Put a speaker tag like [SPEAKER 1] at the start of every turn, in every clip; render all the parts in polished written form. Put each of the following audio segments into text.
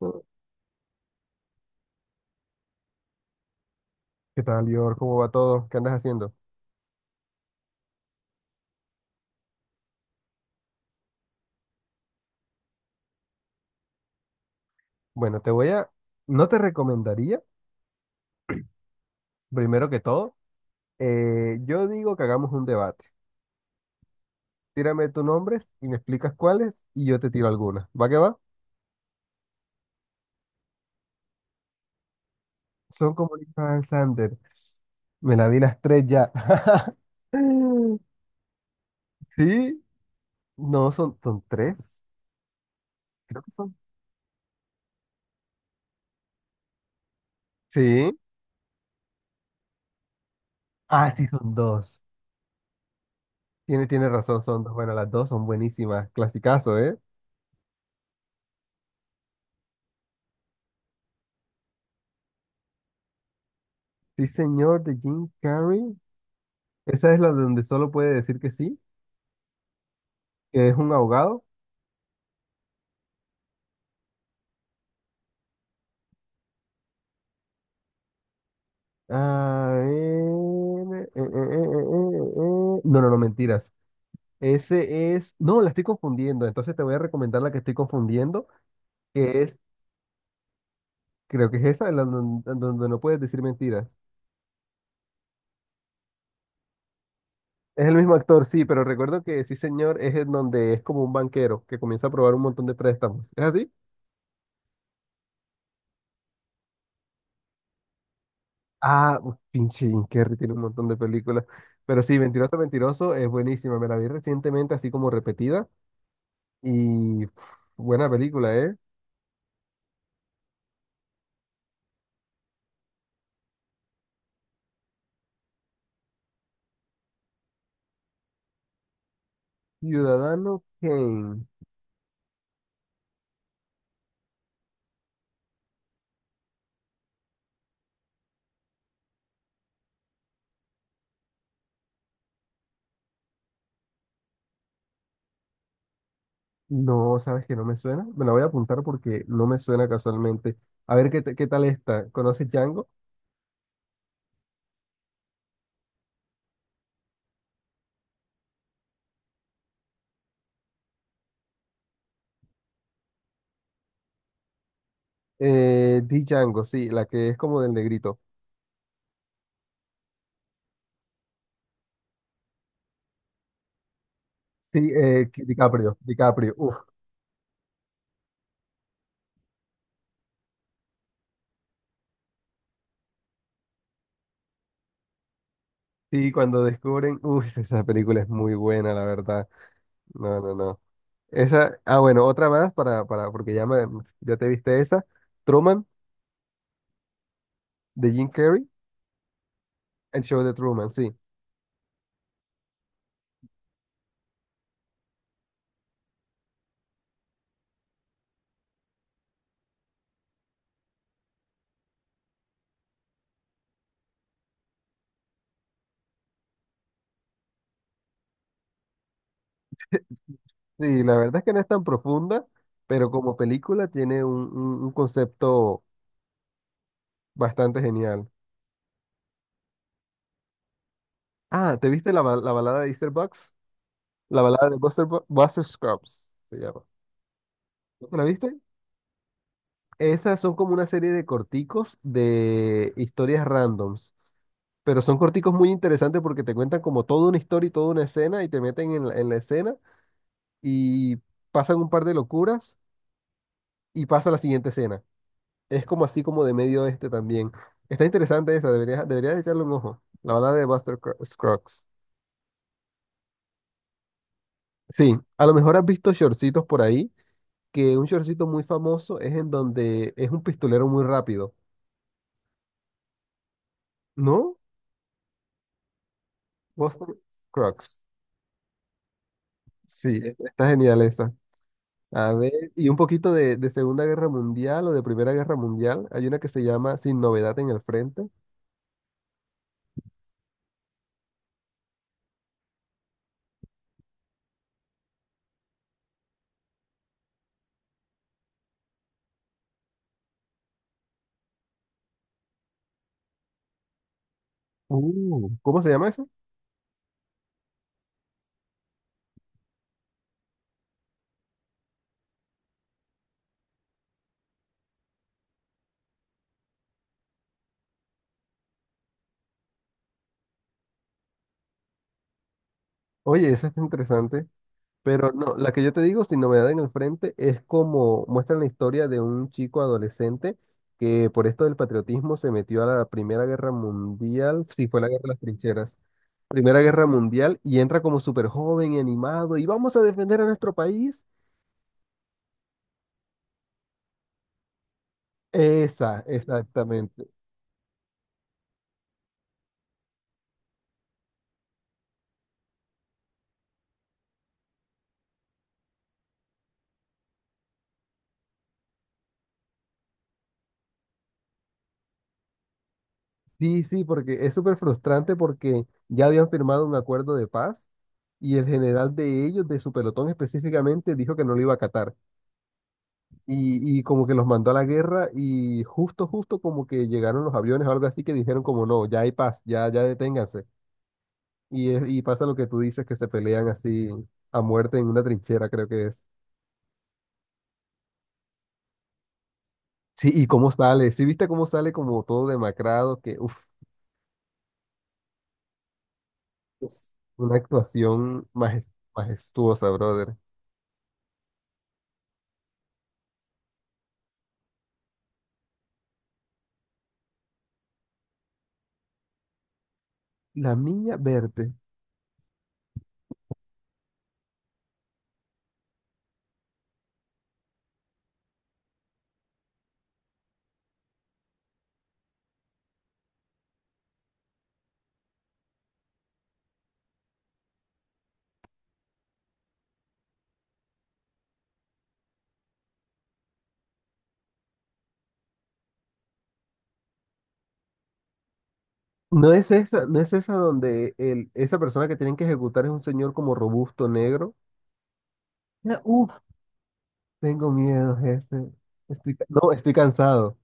[SPEAKER 1] Mm. ¿Qué tal, Lior? ¿Cómo va todo? ¿Qué andas haciendo? Bueno, te voy a... No te recomendaría, primero que todo, yo digo que hagamos un debate. Tírame tus nombres y me explicas cuáles y yo te tiro algunas. ¿Va que va? Son como Lisa Van Sander. Me la vi las tres ya. Sí, no, son tres. Creo que son. Sí. Ah, sí, son dos. Tiene razón, son dos. Bueno, las dos son buenísimas. Clasicazo, ¿eh? Sí, señor, de Jim Carrey. Esa es la donde solo puede decir que sí. Que es un ahogado. Ah, eh, eh, eh, eh, No, no, no, mentiras. Ese es. No, la estoy confundiendo. Entonces te voy a recomendar la que estoy confundiendo, que es, creo que es esa, la donde no puedes decir mentiras. Es el mismo actor, sí, pero recuerdo que sí, señor, es en donde es como un banquero que comienza a probar un montón de préstamos. ¿Es así? Ah, uf, pinche Jim Carrey tiene un montón de películas. Pero sí, Mentiroso, Mentiroso es buenísima. Me la vi recientemente, así como repetida. Y pf, buena película, ¿eh? Ciudadano Kane. No, sabes que no me suena. Me la voy a apuntar porque no me suena casualmente. A ver qué, qué tal está. ¿Conoces Django? Di Django, sí, la que es como del negrito. Sí, DiCaprio, DiCaprio. Uf. Sí, cuando descubren, uff esa película es muy buena, la verdad. No, no, no. Esa, ah, bueno, otra más para, porque ya me, ya te viste esa. Truman, de Jim Carrey, el show de Truman, sí. Sí, la verdad es que no es tan profunda, pero como película tiene un concepto bastante genial. Ah, ¿te viste la balada de Easter Bucks? La balada de Buster Scruggs se llama. ¿No te la viste? Esas son como una serie de corticos de historias randoms, pero son corticos muy interesantes porque te cuentan como toda una historia y toda una escena y te meten en la escena y pasan un par de locuras y pasa la siguiente escena. Es como así como de medio oeste también. Está interesante esa, deberías echarle un ojo. La balada de Buster Scruggs. Sí, a lo mejor has visto shortcitos por ahí, que un shortcito muy famoso es en donde es un pistolero muy rápido, ¿no? Buster Scruggs. Sí, está genial esa. A ver, y un poquito de Segunda Guerra Mundial o de Primera Guerra Mundial. Hay una que se llama Sin Novedad en el Frente. ¿Cómo se llama eso? Oye, esa está interesante. Pero no, la que yo te digo, Sin Novedad en el Frente, es como muestran la historia de un chico adolescente que por esto del patriotismo se metió a la Primera Guerra Mundial, sí, fue la Guerra de las Trincheras, Primera Guerra Mundial, y entra como súper joven y animado, y vamos a defender a nuestro país. Esa, exactamente. Sí, sí, porque es súper frustrante porque ya habían firmado un acuerdo de paz y el general de ellos, de su pelotón específicamente, dijo que no lo iba a acatar. Y como que los mandó a la guerra y justo como que llegaron los aviones o algo así que dijeron como no, ya hay paz, ya, ya deténganse. Y, y pasa lo que tú dices, que se pelean así a muerte en una trinchera, creo que es. Sí, y cómo sale, sí viste cómo sale como todo demacrado, que uff, una actuación majestuosa, brother. La niña verde. No es esa, no es esa donde el, esa persona que tienen que ejecutar es un señor como robusto negro. Tengo miedo, jefe. Estoy, no, estoy cansado.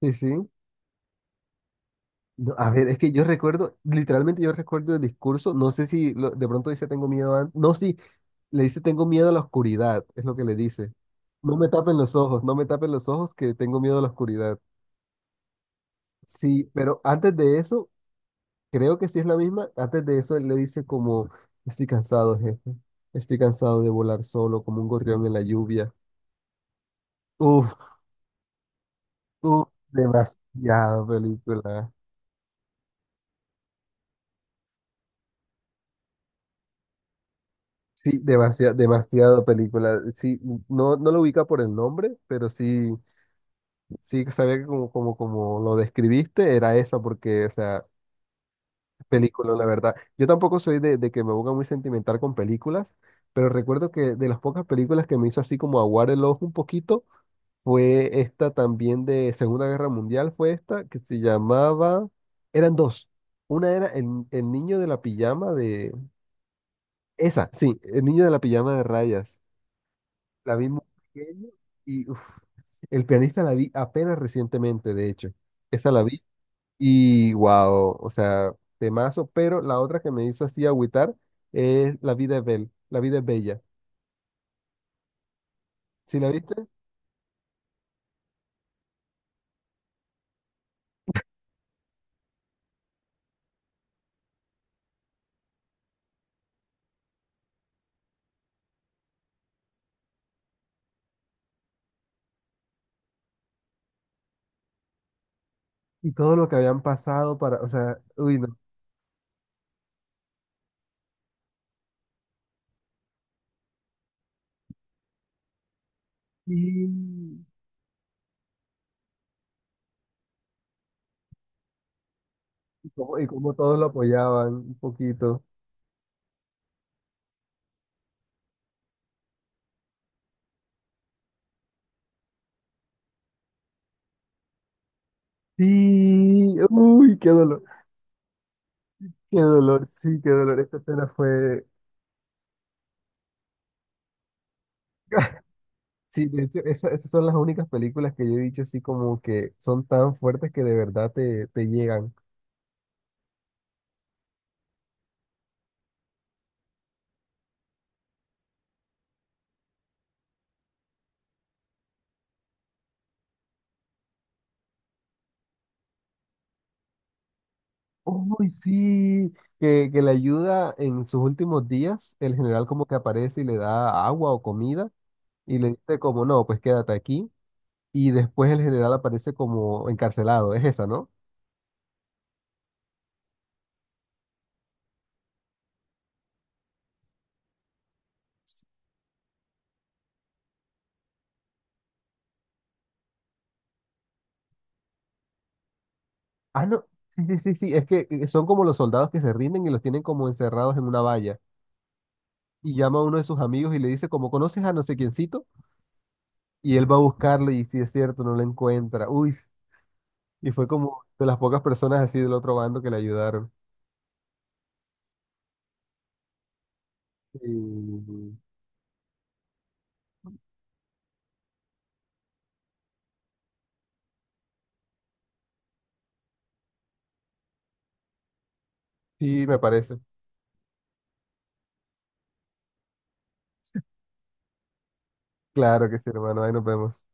[SPEAKER 1] Sí, sí. No, a ver, es que yo recuerdo, literalmente yo recuerdo el discurso. No sé si de pronto dice tengo miedo a, no, sí, le dice tengo miedo a la oscuridad, es lo que le dice. No me tapen los ojos, no me tapen los ojos, que tengo miedo a la oscuridad. Sí, pero antes de eso, creo que sí es la misma. Antes de eso, él le dice como, estoy cansado, jefe. Estoy cansado de volar solo como un gorrión en la lluvia. Uf, uf, demasiada película. Sí, demasiado película. Sí, no, no lo ubica por el nombre, pero sí, sí sabía que como lo describiste, era esa, porque, o sea, película, la verdad. Yo tampoco soy de que me ponga muy sentimental con películas, pero recuerdo que de las pocas películas que me hizo así como aguar el ojo un poquito, fue esta también de Segunda Guerra Mundial, fue esta, que se llamaba, eran dos. Una era el niño de la pijama de... Esa, sí, el niño de la pijama de rayas. La vi muy pequeño y uf, el pianista la vi apenas recientemente, de hecho. Esa la vi y wow, o sea, temazo, pero la otra que me hizo así agüitar es La vida es bella, La vida es bella. ¿Sí la viste? Y todo lo que habían pasado para, o sea, uy, no. Sí, y cómo, y cómo todos lo apoyaban un poquito. Sí, uy, qué dolor, sí, qué dolor. Esta escena fue sí, de hecho, esas son las únicas películas que yo he dicho así como que son tan fuertes que de verdad te, te llegan. Uy, sí, que le ayuda en sus últimos días, el general como que aparece y le da agua o comida y le dice como, no, pues quédate aquí. Y después el general aparece como encarcelado, es esa, ¿no? Ah, no, sí, sí, sí, sí, es que son como los soldados que se rinden y los tienen como encerrados en una valla. Y llama a uno de sus amigos y le dice como, ¿conoces a no sé quiéncito? Y él va a buscarlo y si es cierto, no la encuentra. Uy, y fue como de las pocas personas así del otro bando que le ayudaron. Y... Sí, me parece. Claro que sí, hermano. Ahí nos vemos.